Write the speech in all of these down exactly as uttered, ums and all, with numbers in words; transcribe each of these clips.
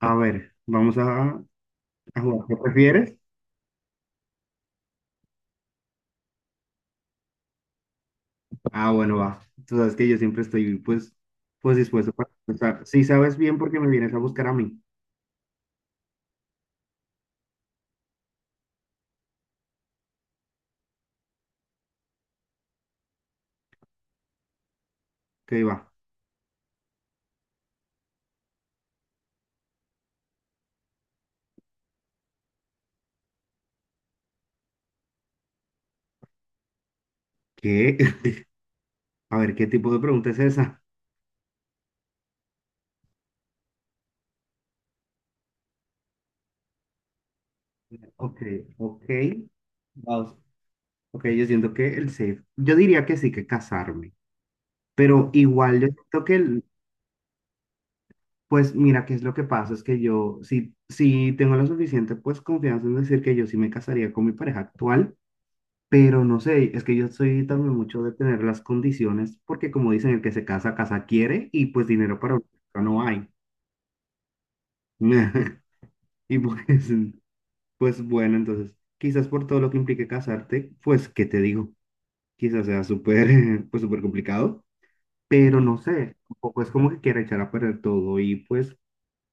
A ver, vamos a, a jugar. ¿Qué prefieres? Ah, bueno, va. Tú sabes que yo siempre estoy, pues, pues dispuesto para empezar. Si sabes bien porque me vienes a buscar a mí. Ok, va. ¿Qué? A ver, ¿qué tipo de pregunta es esa? Ok, ok. Vamos. Ok, yo siento que el safe. Yo diría que sí, que casarme. Pero igual yo siento que, el- pues, mira, qué es lo que pasa, es que yo sí, sí tengo la suficiente, pues, confianza en decir que yo sí me casaría con mi pareja actual. Pero no sé, es que yo soy también mucho de tener las condiciones, porque como dicen, el que se casa, casa quiere, y pues dinero para una casa no hay. Y pues, pues bueno, entonces, quizás por todo lo que implique casarte, pues, ¿qué te digo? Quizás sea súper, pues súper complicado, pero no sé, tampoco es como que quiera echar a perder todo y pues,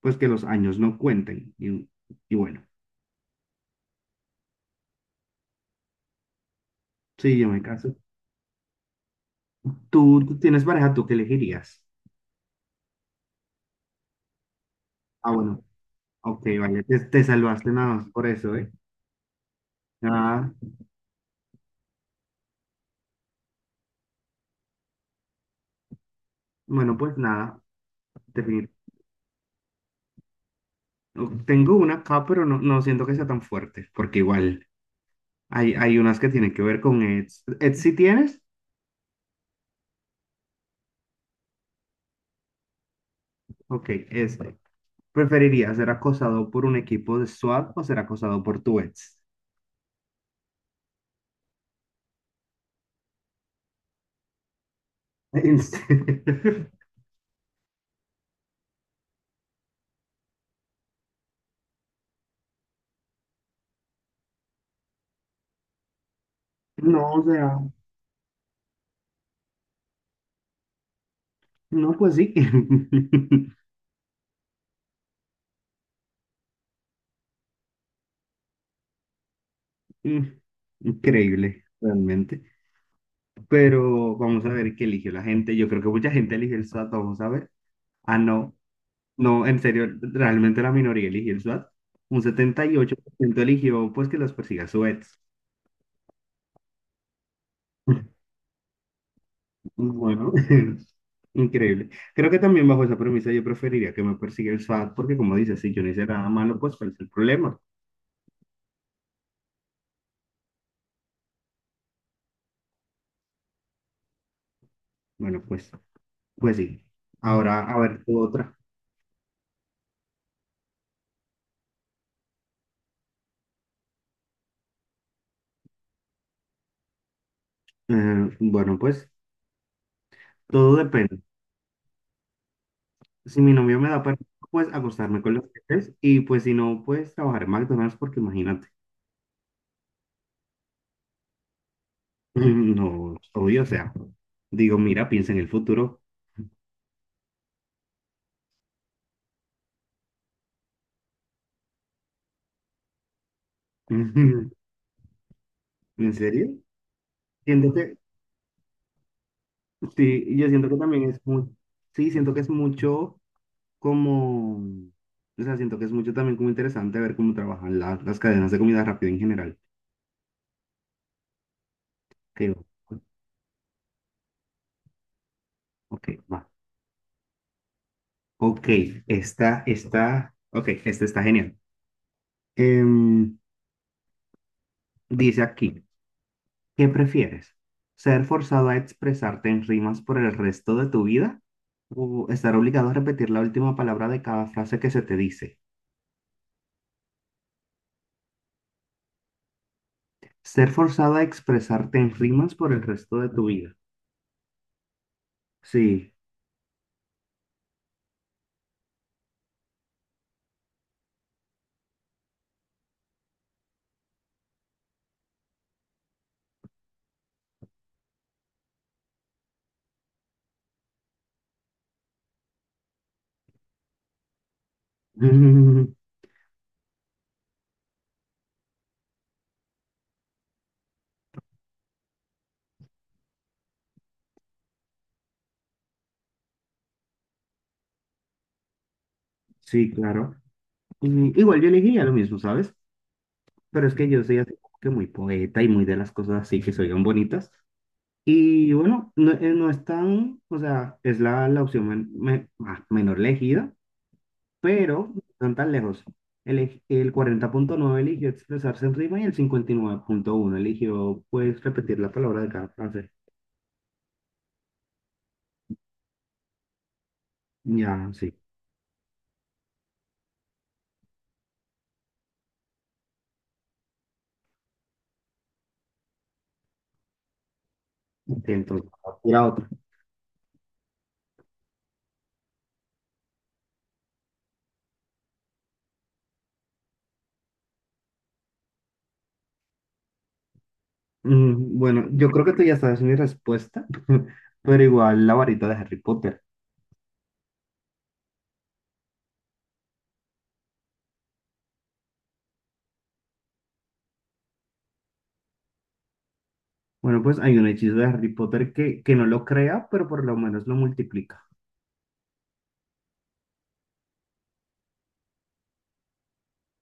pues que los años no cuenten. Y, y bueno, sí, yo me caso. ¿Tú, tú tienes pareja, tú qué elegirías? Ah, bueno, ok, vale, te, te salvaste nada más por eso, ¿eh? Ah, bueno, pues nada, definit- tengo una acá, pero no, no siento que sea tan fuerte, porque igual hay, hay unas que tienen que ver con Eds. ¿Eds si tienes? Ok, este. ¿Preferirías ser acosado por un equipo de S W A T o ser acosado por tu ex? En serio. No, o sea, no, pues sí. Increíble, realmente. Pero vamos a ver qué eligió la gente. Yo creo que mucha gente eligió el S W A T, vamos a ver. Ah, no. No, en serio, realmente la minoría eligió el SWAT. Un setenta y ocho por ciento eligió pues que los persiga su bueno, increíble. Creo que también bajo esa premisa yo preferiría que me persiga el S W A T porque como dices, si yo no hice nada malo, pues cuál es el problema. Bueno, pues, pues sí. Ahora, a ver, tú otra. Eh, bueno, pues todo depende. Si mi novio me da permiso, pues acostarme con los jefes y pues si no, pues trabajar en McDonald's porque imagínate. No, obvio, o sea, digo, mira, piensa en el futuro. ¿En serio? Siento que, sí, yo siento que también es muy, sí, siento que es mucho como, o sea, siento que es mucho también como interesante ver cómo trabajan la- las cadenas de comida rápida en general. Que, ok, va. Ok, esta, esta, ok, esta está genial. Em, dice aquí. ¿Qué prefieres? ¿Ser forzado a expresarte en rimas por el resto de tu vida? ¿O estar obligado a repetir la última palabra de cada frase que se te dice? Ser forzado a expresarte en rimas por el resto de tu vida. Sí. Sí, claro. Y igual yo elegiría lo mismo, ¿sabes? Pero es que yo soy así como que muy poeta y muy de las cosas así que se oigan bonitas. Y bueno, no, eh, no es tan, o sea, es la, la opción men- me- ah, menor elegida, pero no están tan lejos. El, ej- el cuarenta punto nueve eligió expresarse en rima y el cincuenta y nueve punto uno eligió, pues, repetir la palabra de cada frase. Ya, sí. Entonces, tira otra. Mm, bueno, yo creo que tú ya sabes mi respuesta, pero igual la varita de Harry Potter. Bueno, pues hay un hechizo de Harry Potter que, que no lo crea, pero por lo menos lo multiplica.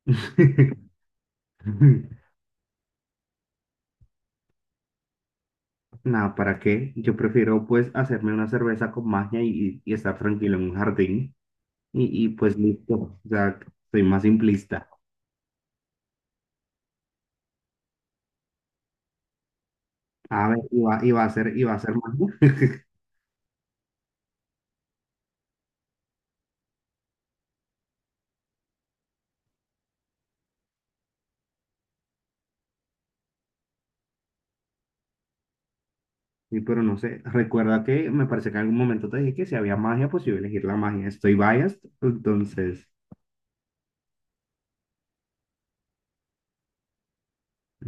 Nada, ¿para qué? Yo prefiero pues hacerme una cerveza con magia y, y estar tranquilo en un jardín. Y, y pues listo, o sea, soy más simplista. A ver, iba, iba a ser, iba a ser magia, sí, pero no sé. Recuerda que me parece que en algún momento te dije que si había magia, pues yo iba a elegir la magia. Estoy biased, entonces,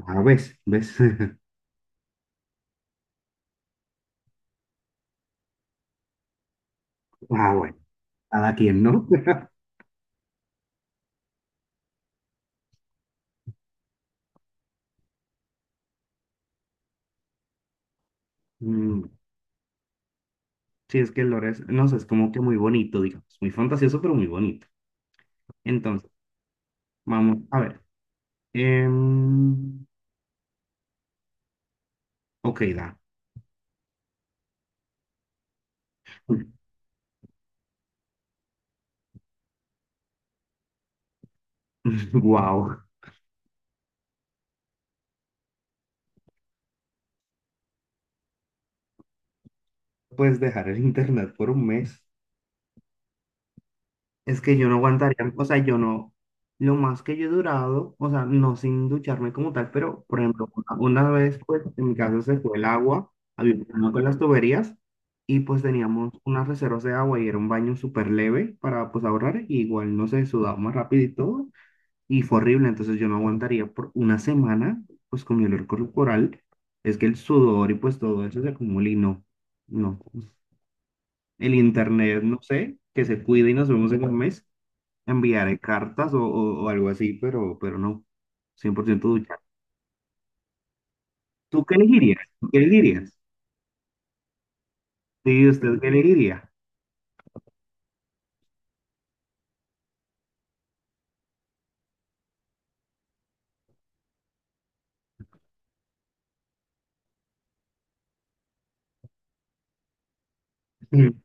a ves, ves. Ah, bueno, cada quien, ¿no? Mm, sí, es que el lore es, no sé, es como que muy bonito, digamos, muy fantasioso, pero muy bonito. Entonces, vamos, a ver. em, ok, da. Wow, puedes dejar el internet por un mes. Es que yo no aguantaría, o sea, yo no, lo más que yo he durado, o sea, no sin ducharme como tal, pero por ejemplo, una, una vez, pues en mi casa se fue el agua, había un problema con las tuberías y pues teníamos unas reservas de agua y era un baño súper leve para pues ahorrar, y igual no se sudaba más rápido y todo, y fue horrible, entonces yo no aguantaría por una semana, pues con mi olor corporal, es que el sudor y pues todo eso se acumula y no, no. El internet, no sé, que se cuide y nos vemos en un mes, enviaré cartas o, o- o algo así, pero, pero no, cien por ciento ducha. ¿Tú qué elegirías? ¿Tú qué elegirías? Sí, ¿usted qué elegiría? Ujú.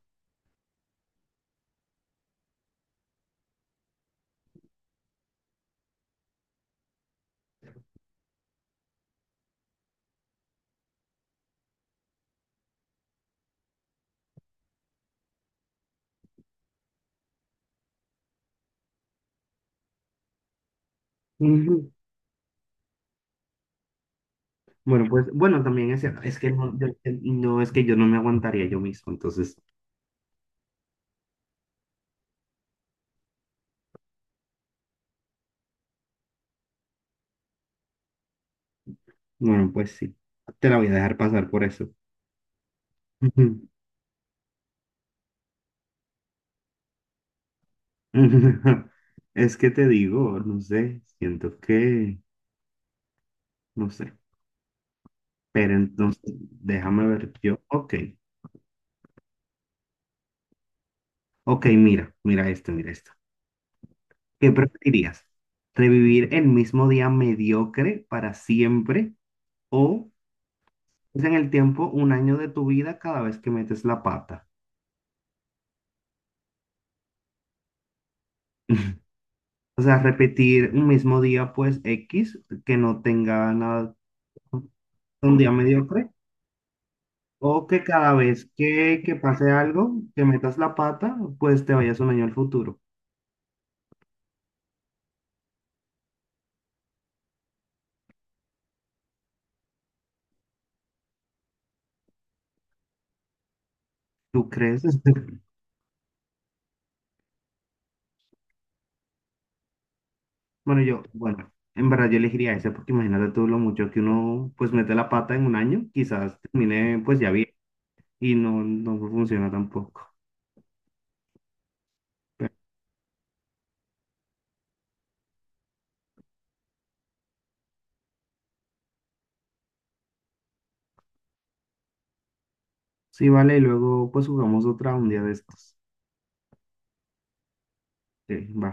Ujú. Bueno, pues, bueno, también es cierto, es que no, yo- no, es que yo no me aguantaría yo mismo, entonces, bueno, pues sí, te la voy a dejar pasar por eso. Ujú. Es que te digo, no sé, siento que, no sé, pero entonces, déjame ver yo, ok, ok, mira, mira esto, mira esto. ¿Qué preferirías? ¿Revivir el mismo día mediocre para siempre o es en el tiempo un año de tu vida cada vez que metes la pata? O sea, repetir un mismo día, pues X, que no tenga nada, un día mediocre, o que cada vez que, que pase algo, que metas la pata, pues te vayas un año al futuro. ¿Tú crees? Bueno, yo, bueno, en verdad yo elegiría ese porque imagínate tú lo mucho que uno pues mete la pata en un año, quizás termine pues ya bien. Y no, no funciona tampoco. Pero sí, vale, y luego pues jugamos otra un día de estos. Sí, va.